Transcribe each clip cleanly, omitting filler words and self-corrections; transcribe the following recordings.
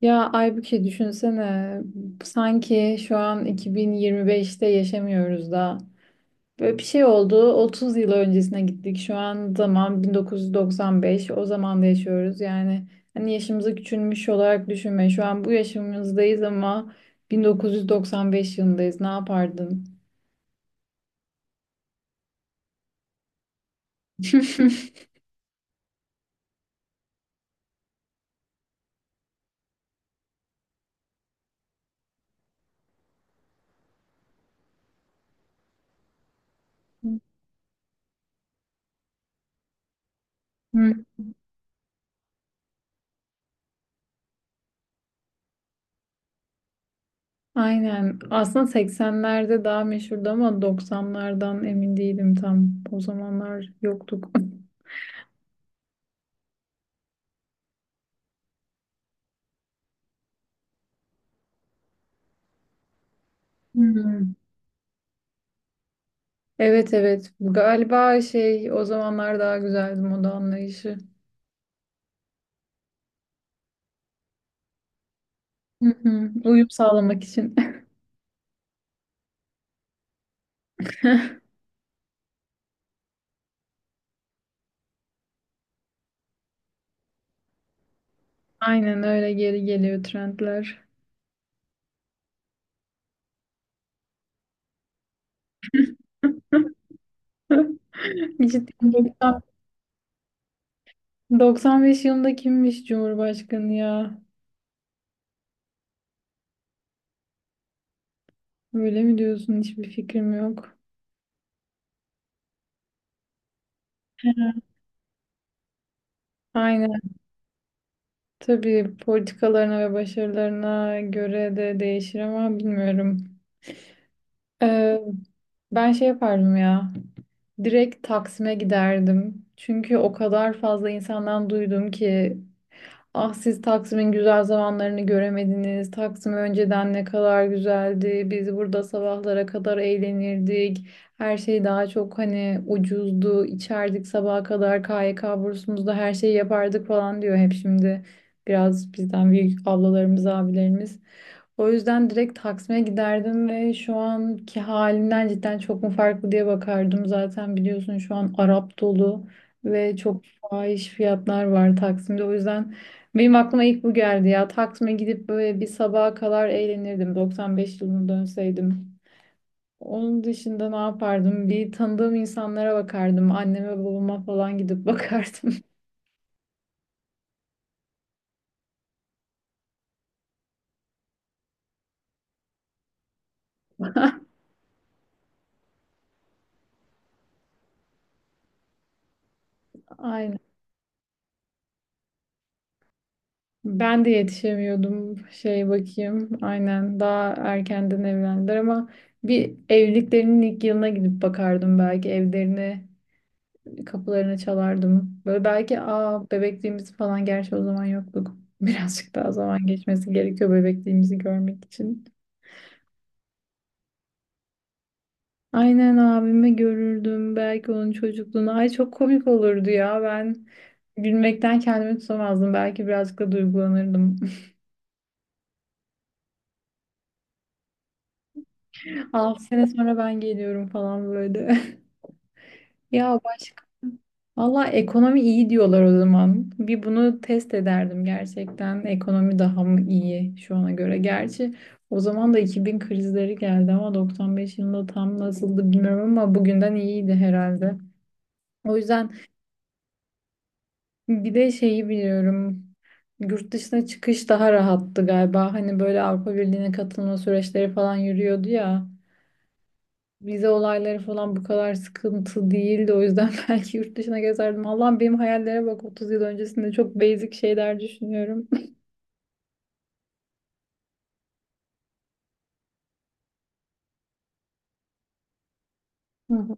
Ya Aybüke, düşünsene, sanki şu an 2025'te yaşamıyoruz da böyle bir şey oldu, 30 yıl öncesine gittik, şu an zaman 1995, o zaman da yaşıyoruz yani. Hani yaşımızı küçülmüş olarak düşünme, şu an bu yaşımızdayız ama 1995 yılındayız, ne yapardın? Hı. Aynen, aslında 80'lerde daha meşhurdu ama 90'lardan emin değilim, tam o zamanlar yoktuk. Hı. Evet, evet, galiba şey, o zamanlar daha güzeldi moda anlayışı. Hı hı. Uyum sağlamak için. Aynen öyle, geri geliyor trendler. Cidden, 90 95 yılında kimmiş Cumhurbaşkanı ya? Öyle mi diyorsun? Hiçbir fikrim yok. Aynen. Tabii politikalarına ve başarılarına göre de değişir ama bilmiyorum. Ee, ben şey yapardım ya. Direkt Taksim'e giderdim. Çünkü o kadar fazla insandan duydum ki: "Ah, siz Taksim'in güzel zamanlarını göremediniz. Taksim önceden ne kadar güzeldi. Biz burada sabahlara kadar eğlenirdik. Her şey daha çok hani ucuzdu. İçerdik sabaha kadar, KYK bursumuzda her şeyi yapardık" falan diyor hep şimdi. Biraz bizden büyük ablalarımız, abilerimiz. O yüzden direkt Taksim'e giderdim ve şu anki halinden cidden çok mu farklı diye bakardım. Zaten biliyorsun, şu an Arap dolu ve çok fahiş fiyatlar var Taksim'de. O yüzden benim aklıma ilk bu geldi ya. Taksim'e gidip böyle bir sabaha kadar eğlenirdim, 95 yılına dönseydim. Onun dışında ne yapardım? Bir tanıdığım insanlara bakardım. Anneme babama falan gidip bakardım. Aynen. Ben de yetişemiyordum. Şey bakayım. Aynen. Daha erkenden evlendiler ama bir evliliklerinin ilk yılına gidip bakardım belki, evlerine kapılarını çalardım. Böyle belki bebekliğimiz falan, gerçi o zaman yoktuk. Birazcık daha zaman geçmesi gerekiyor bebekliğimizi görmek için. Aynen, abimi görürdüm. Belki onun çocukluğunu. Ay çok komik olurdu ya. Ben gülmekten kendimi tutamazdım. Belki birazcık da duygulanırdım. 6 sene sonra ben geliyorum falan böyle. Ya başka. Valla, ekonomi iyi diyorlar o zaman. Bir bunu test ederdim gerçekten. Ekonomi daha mı iyi şu ana göre? Gerçi o zaman da 2000 krizleri geldi ama 95 yılında tam nasıldı bilmiyorum, ama bugünden iyiydi herhalde. O yüzden bir de şeyi biliyorum. Yurt dışına çıkış daha rahattı galiba. Hani böyle Avrupa Birliği'ne katılma süreçleri falan yürüyordu ya. Vize olayları falan bu kadar sıkıntı değildi. O yüzden belki yurt dışına gezerdim. Allah'ım benim hayallere bak, 30 yıl öncesinde çok basic şeyler düşünüyorum. Hı hı.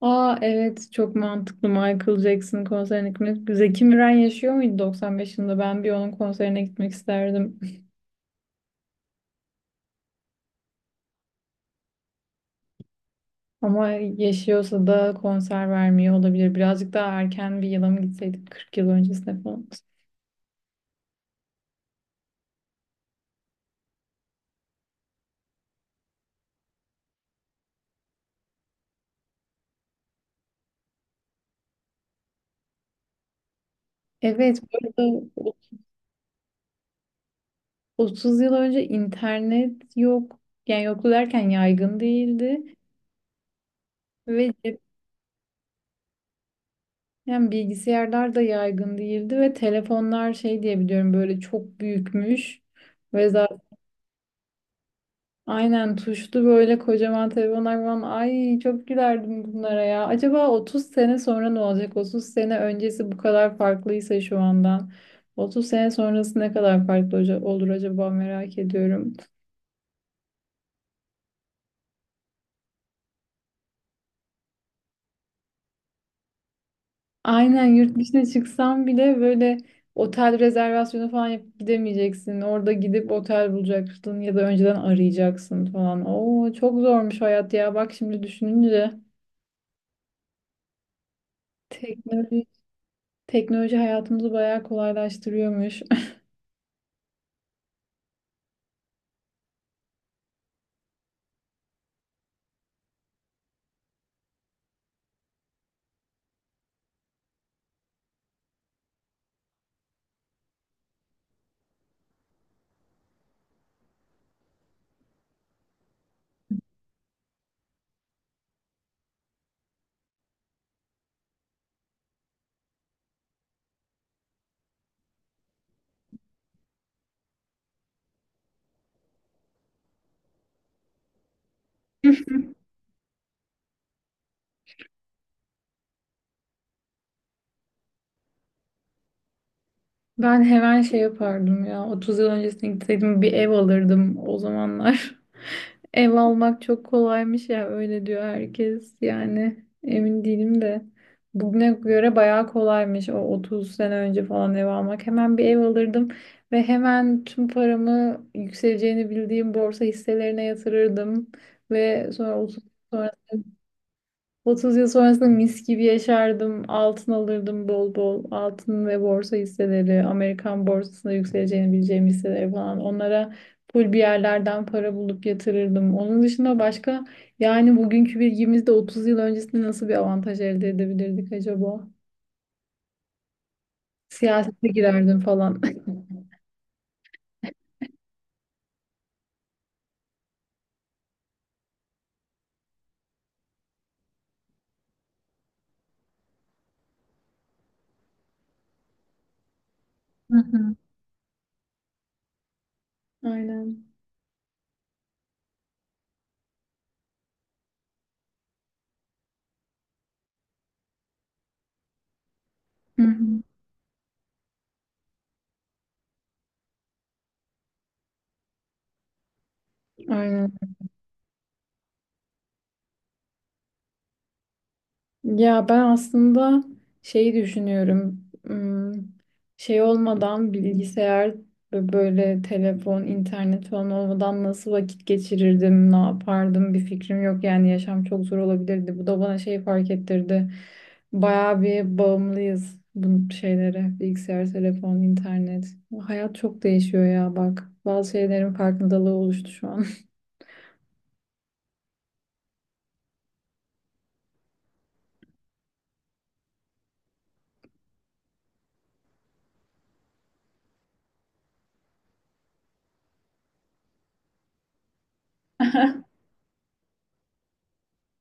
Aa evet, çok mantıklı Michael Jackson konserine gitmek. Zeki Müren yaşıyor muydu 95 yılında? Ben bir onun konserine gitmek isterdim. Ama yaşıyorsa da konser vermiyor olabilir. Birazcık daha erken bir yıla mı gitseydik, 40 yıl öncesine falan. Evet, bu arada 30 yıl önce internet yok. Yani yoktu derken yaygın değildi. Ve cepten bilgisayarlar da yaygın değildi ve telefonlar şey diye biliyorum, böyle çok büyükmüş. Ve zaten aynen tuşlu böyle kocaman telefonlar falan. Ay çok gülerdim bunlara ya. Acaba 30 sene sonra ne olacak? 30 sene öncesi bu kadar farklıysa şu andan, 30 sene sonrası ne kadar farklı olur acaba, merak ediyorum. Aynen, yurt dışına çıksan bile böyle otel rezervasyonu falan yapıp gidemeyeceksin. Orada gidip otel bulacaksın ya da önceden arayacaksın falan. Oo çok zormuş hayat ya. Bak şimdi düşününce, teknoloji teknoloji hayatımızı bayağı kolaylaştırıyormuş. Ben hemen şey yapardım ya. 30 yıl öncesine gitseydim bir ev alırdım o zamanlar. Ev almak çok kolaymış ya, öyle diyor herkes, yani emin değilim de bugüne göre bayağı kolaymış o 30 sene önce falan. Ev almak, hemen bir ev alırdım ve hemen tüm paramı yükseleceğini bildiğim borsa hisselerine yatırırdım ve sonra 30 yıl sonrasında mis gibi yaşardım. Altın alırdım bol bol. Altın ve borsa hisseleri, Amerikan borsasında yükseleceğini bileceğim hisseleri falan. Onlara full bir yerlerden para bulup yatırırdım. Onun dışında başka, yani bugünkü bilgimizde 30 yıl öncesinde nasıl bir avantaj elde edebilirdik acaba? Siyasete girerdim falan. Hı hı. Aynen. Hı hı. Aynen. Ya ben aslında şeyi düşünüyorum. Şey olmadan, bilgisayar ve böyle telefon, internet falan olmadan nasıl vakit geçirirdim, ne yapardım, bir fikrim yok. Yani yaşam çok zor olabilirdi. Bu da bana şey fark ettirdi. Bayağı bir bağımlıyız bu şeylere. Bilgisayar, telefon, internet. Hayat çok değişiyor ya bak. Bazı şeylerin farkındalığı oluştu şu an.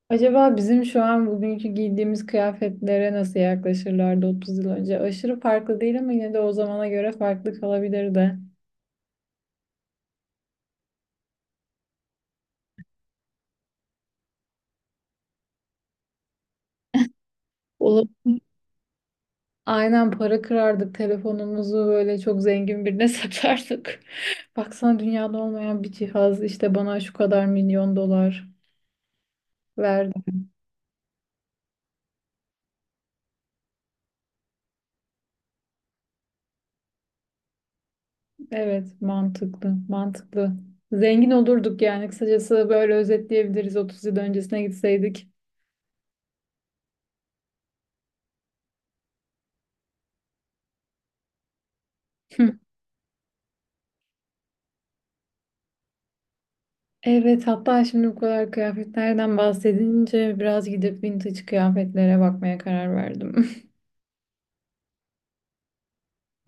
Acaba bizim şu an bugünkü giydiğimiz kıyafetlere nasıl yaklaşırlardı 30 yıl önce? Aşırı farklı değil ama yine de o zamana göre farklı kalabilirdi. Olup aynen para kırardık, telefonumuzu böyle çok zengin birine satardık. Baksana, dünyada olmayan bir cihaz işte, bana şu kadar milyon dolar verdi. Evet, mantıklı, mantıklı. Zengin olurduk yani, kısacası böyle özetleyebiliriz, 30 yıl öncesine gitseydik. Evet, hatta şimdi bu kadar kıyafetlerden bahsedince biraz gidip vintage kıyafetlere bakmaya karar verdim.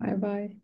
Bay bay.